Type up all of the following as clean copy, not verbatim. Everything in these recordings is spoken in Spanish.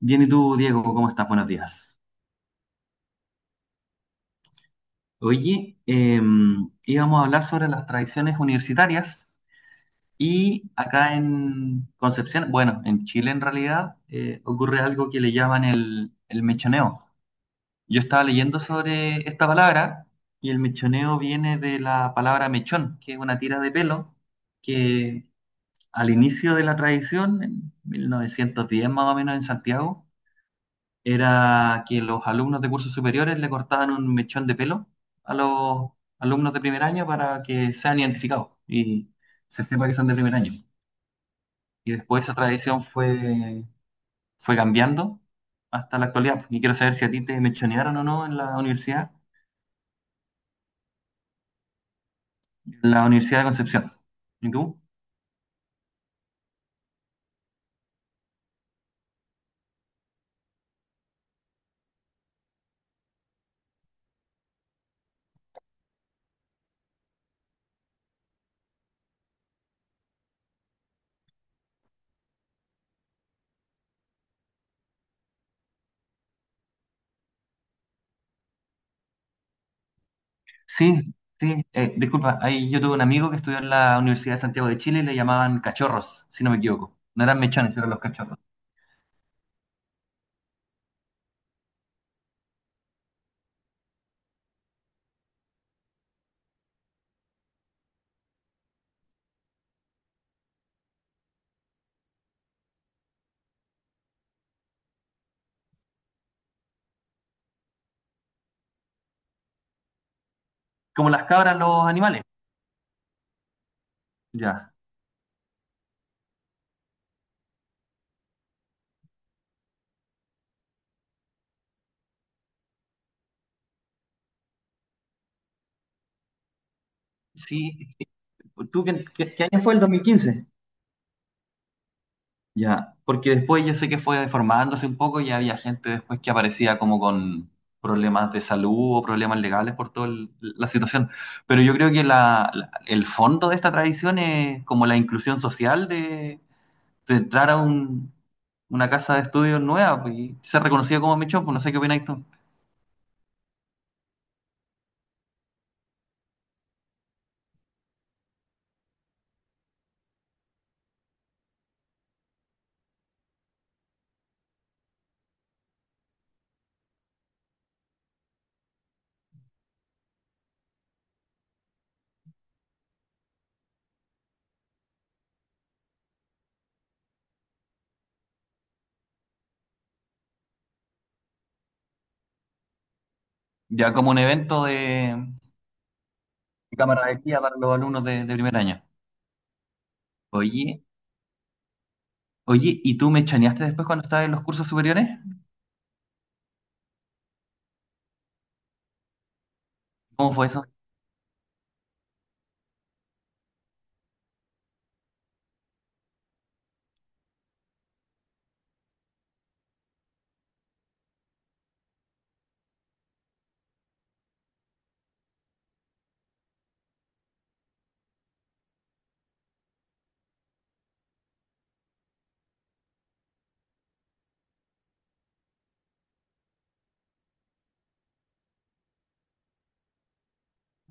Bien, ¿y tú, Diego? ¿Cómo estás? Buenos días. Oye, íbamos a hablar sobre las tradiciones universitarias y acá en Concepción, bueno, en Chile en realidad, ocurre algo que le llaman el mechoneo. Yo estaba leyendo sobre esta palabra y el mechoneo viene de la palabra mechón, que es una tira de pelo que al inicio de la tradición, en 1910 más o menos en Santiago, era que los alumnos de cursos superiores le cortaban un mechón de pelo a los alumnos de primer año para que sean identificados y se sepa que son de primer año. Y después esa tradición fue cambiando hasta la actualidad. Y quiero saber si a ti te mechonearon o no en la universidad, en la Universidad de Concepción. ¿Y tú? Sí, sí. Disculpa, ahí yo tuve un amigo que estudió en la Universidad de Santiago de Chile y le llamaban cachorros, si no me equivoco. No eran mechones, eran los cachorros. Como las cabras, los animales. Ya. Sí, ¿tú qué, qué año fue el 2015? Ya, porque después yo sé que fue deformándose un poco y había gente después que aparecía como con problemas de salud o problemas legales por toda la situación. Pero yo creo que el fondo de esta tradición es como la inclusión social de entrar a una casa de estudios nueva pues, y ser reconocida como mechón, pues no sé qué opinas tú. Ya como un evento de camaradería para los alumnos de primer año. Oye, oye, ¿y tú mechoneaste después cuando estabas en los cursos superiores? ¿Cómo fue eso?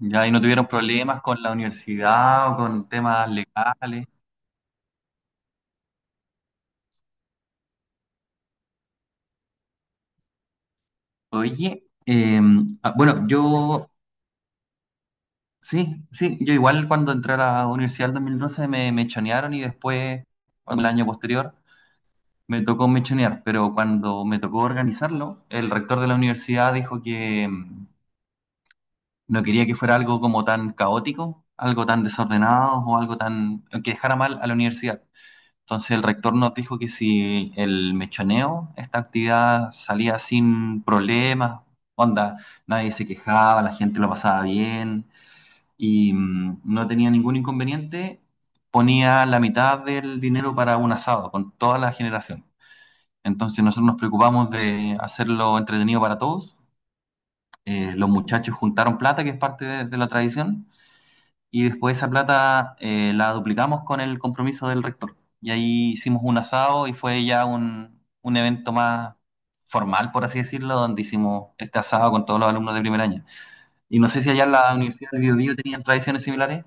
¿Ya ahí no tuvieron problemas con la universidad o con temas legales? Oye, ah, bueno, yo, sí, sí, yo igual cuando entré a la universidad en 2012 me mechonearon y después, cuando el año posterior, me tocó mechonear, pero cuando me tocó organizarlo, el rector de la universidad dijo que no quería que fuera algo como tan caótico, algo tan desordenado o algo tan que dejara mal a la universidad. Entonces el rector nos dijo que si el mechoneo, esta actividad salía sin problemas, onda, nadie se quejaba, la gente lo pasaba bien y no tenía ningún inconveniente, ponía la mitad del dinero para un asado con toda la generación. Entonces nosotros nos preocupamos de hacerlo entretenido para todos. Los muchachos juntaron plata, que es parte de la tradición y después esa plata la duplicamos con el compromiso del rector. Y ahí hicimos un asado y fue ya un evento más formal, por así decirlo, donde hicimos este asado con todos los alumnos de primer año. Y no sé si allá en la Universidad de Biobío tenían tradiciones similares,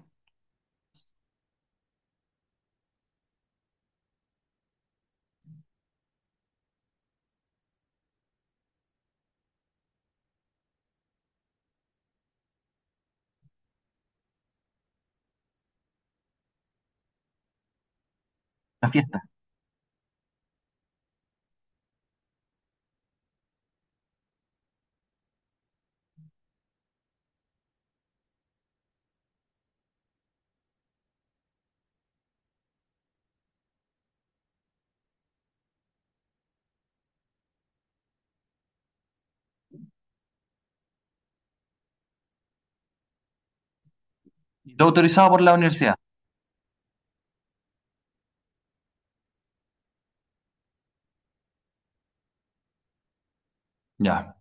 las fiestas. Y todo autorizado por la universidad. Ya,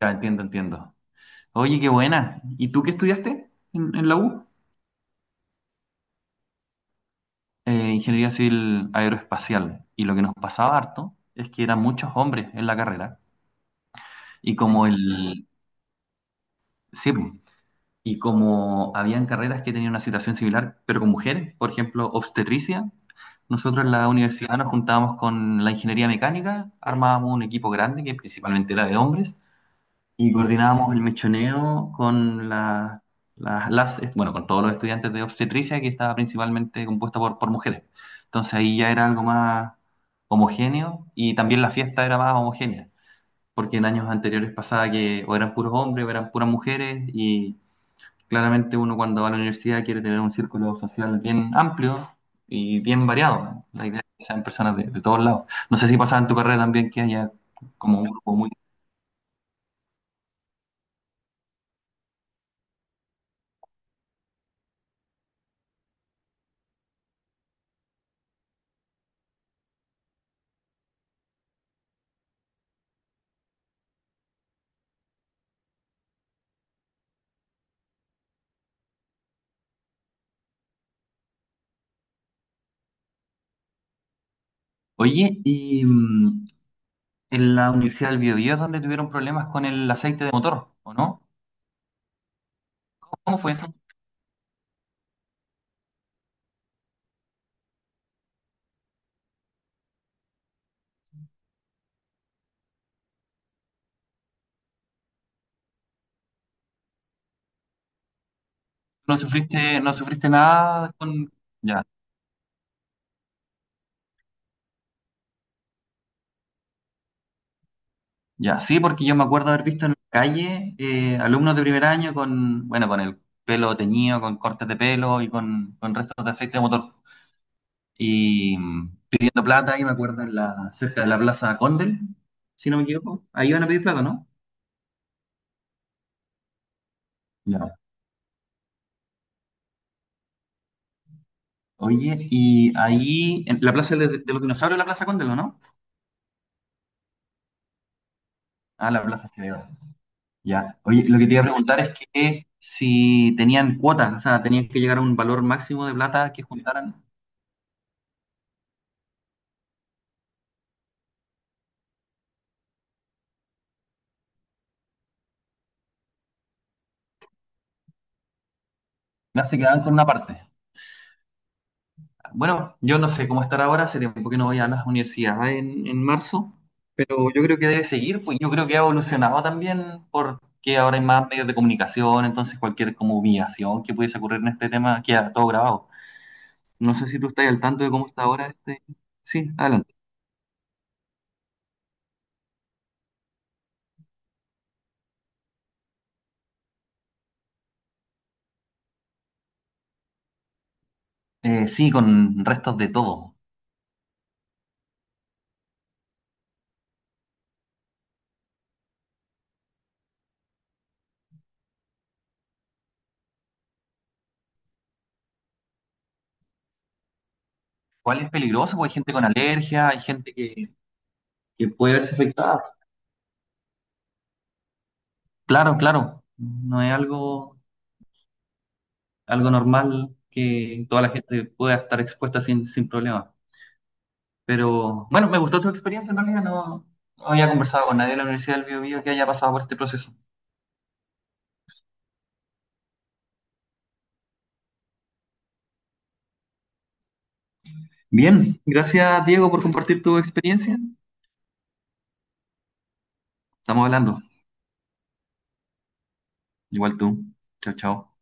ya entiendo, entiendo. Oye, qué buena. ¿Y tú qué estudiaste en la U? Ingeniería Civil Aeroespacial. Y lo que nos pasaba harto es que eran muchos hombres en la carrera. Y como el, sí, y como habían carreras que tenían una situación similar, pero con mujeres, por ejemplo, obstetricia, nosotros en la universidad nos juntábamos con la ingeniería mecánica, armábamos un equipo grande que principalmente era de hombres y coordinábamos el mechoneo con las, bueno, con todos los estudiantes de obstetricia que estaba principalmente compuesta por mujeres. Entonces ahí ya era algo más homogéneo y también la fiesta era más homogénea, porque en años anteriores pasaba que o eran puros hombres o eran puras mujeres y claramente uno cuando va a la universidad quiere tener un círculo social bien amplio y bien variado. La idea es que sean personas de todos lados. No sé si pasaba en tu carrera también que haya como un grupo muy... Oye, y en la Universidad del Biobío es donde tuvieron problemas con el aceite de motor, ¿o no? ¿Cómo fue eso? ¿No sufriste, no sufriste nada con... ya, ya, sí, porque yo me acuerdo haber visto en la calle alumnos de primer año con, bueno, con el pelo teñido, con cortes de pelo y con restos de aceite de motor. Y pidiendo plata, ahí me acuerdo, en la, cerca de la Plaza Condel, si no me equivoco. Ahí van a pedir plata, ¿no? Ya. Oye, y ahí, en la Plaza de los Dinosaurios, la Plaza Condel, ¿o no? Ah, la Plaza Cereal. Ya. Oye, lo que te iba a preguntar es que si tenían cuotas, o sea, tenían que llegar a un valor máximo de plata que juntaran, ya se quedaban con una parte. Bueno, yo no sé cómo estar ahora, hace tiempo que no voy a las universidades en marzo, pero yo creo que debe seguir, pues yo creo que ha evolucionado también porque ahora hay más medios de comunicación, entonces cualquier como humillación que pudiese ocurrir en este tema queda todo grabado. No sé si tú estás al tanto de cómo está ahora este... Sí, adelante. Sí, con restos de todo. ¿Cuál es peligroso? Porque hay gente con alergia, hay gente que puede verse afectada. Claro, claro, no es algo algo normal que toda la gente pueda estar expuesta sin, sin problema. Pero bueno, me gustó tu experiencia en realidad, no, no había conversado con nadie de la Universidad del Bío Bío que haya pasado por este proceso. Bien, gracias Diego por compartir tu experiencia. Estamos hablando. Igual tú. Chao, chao.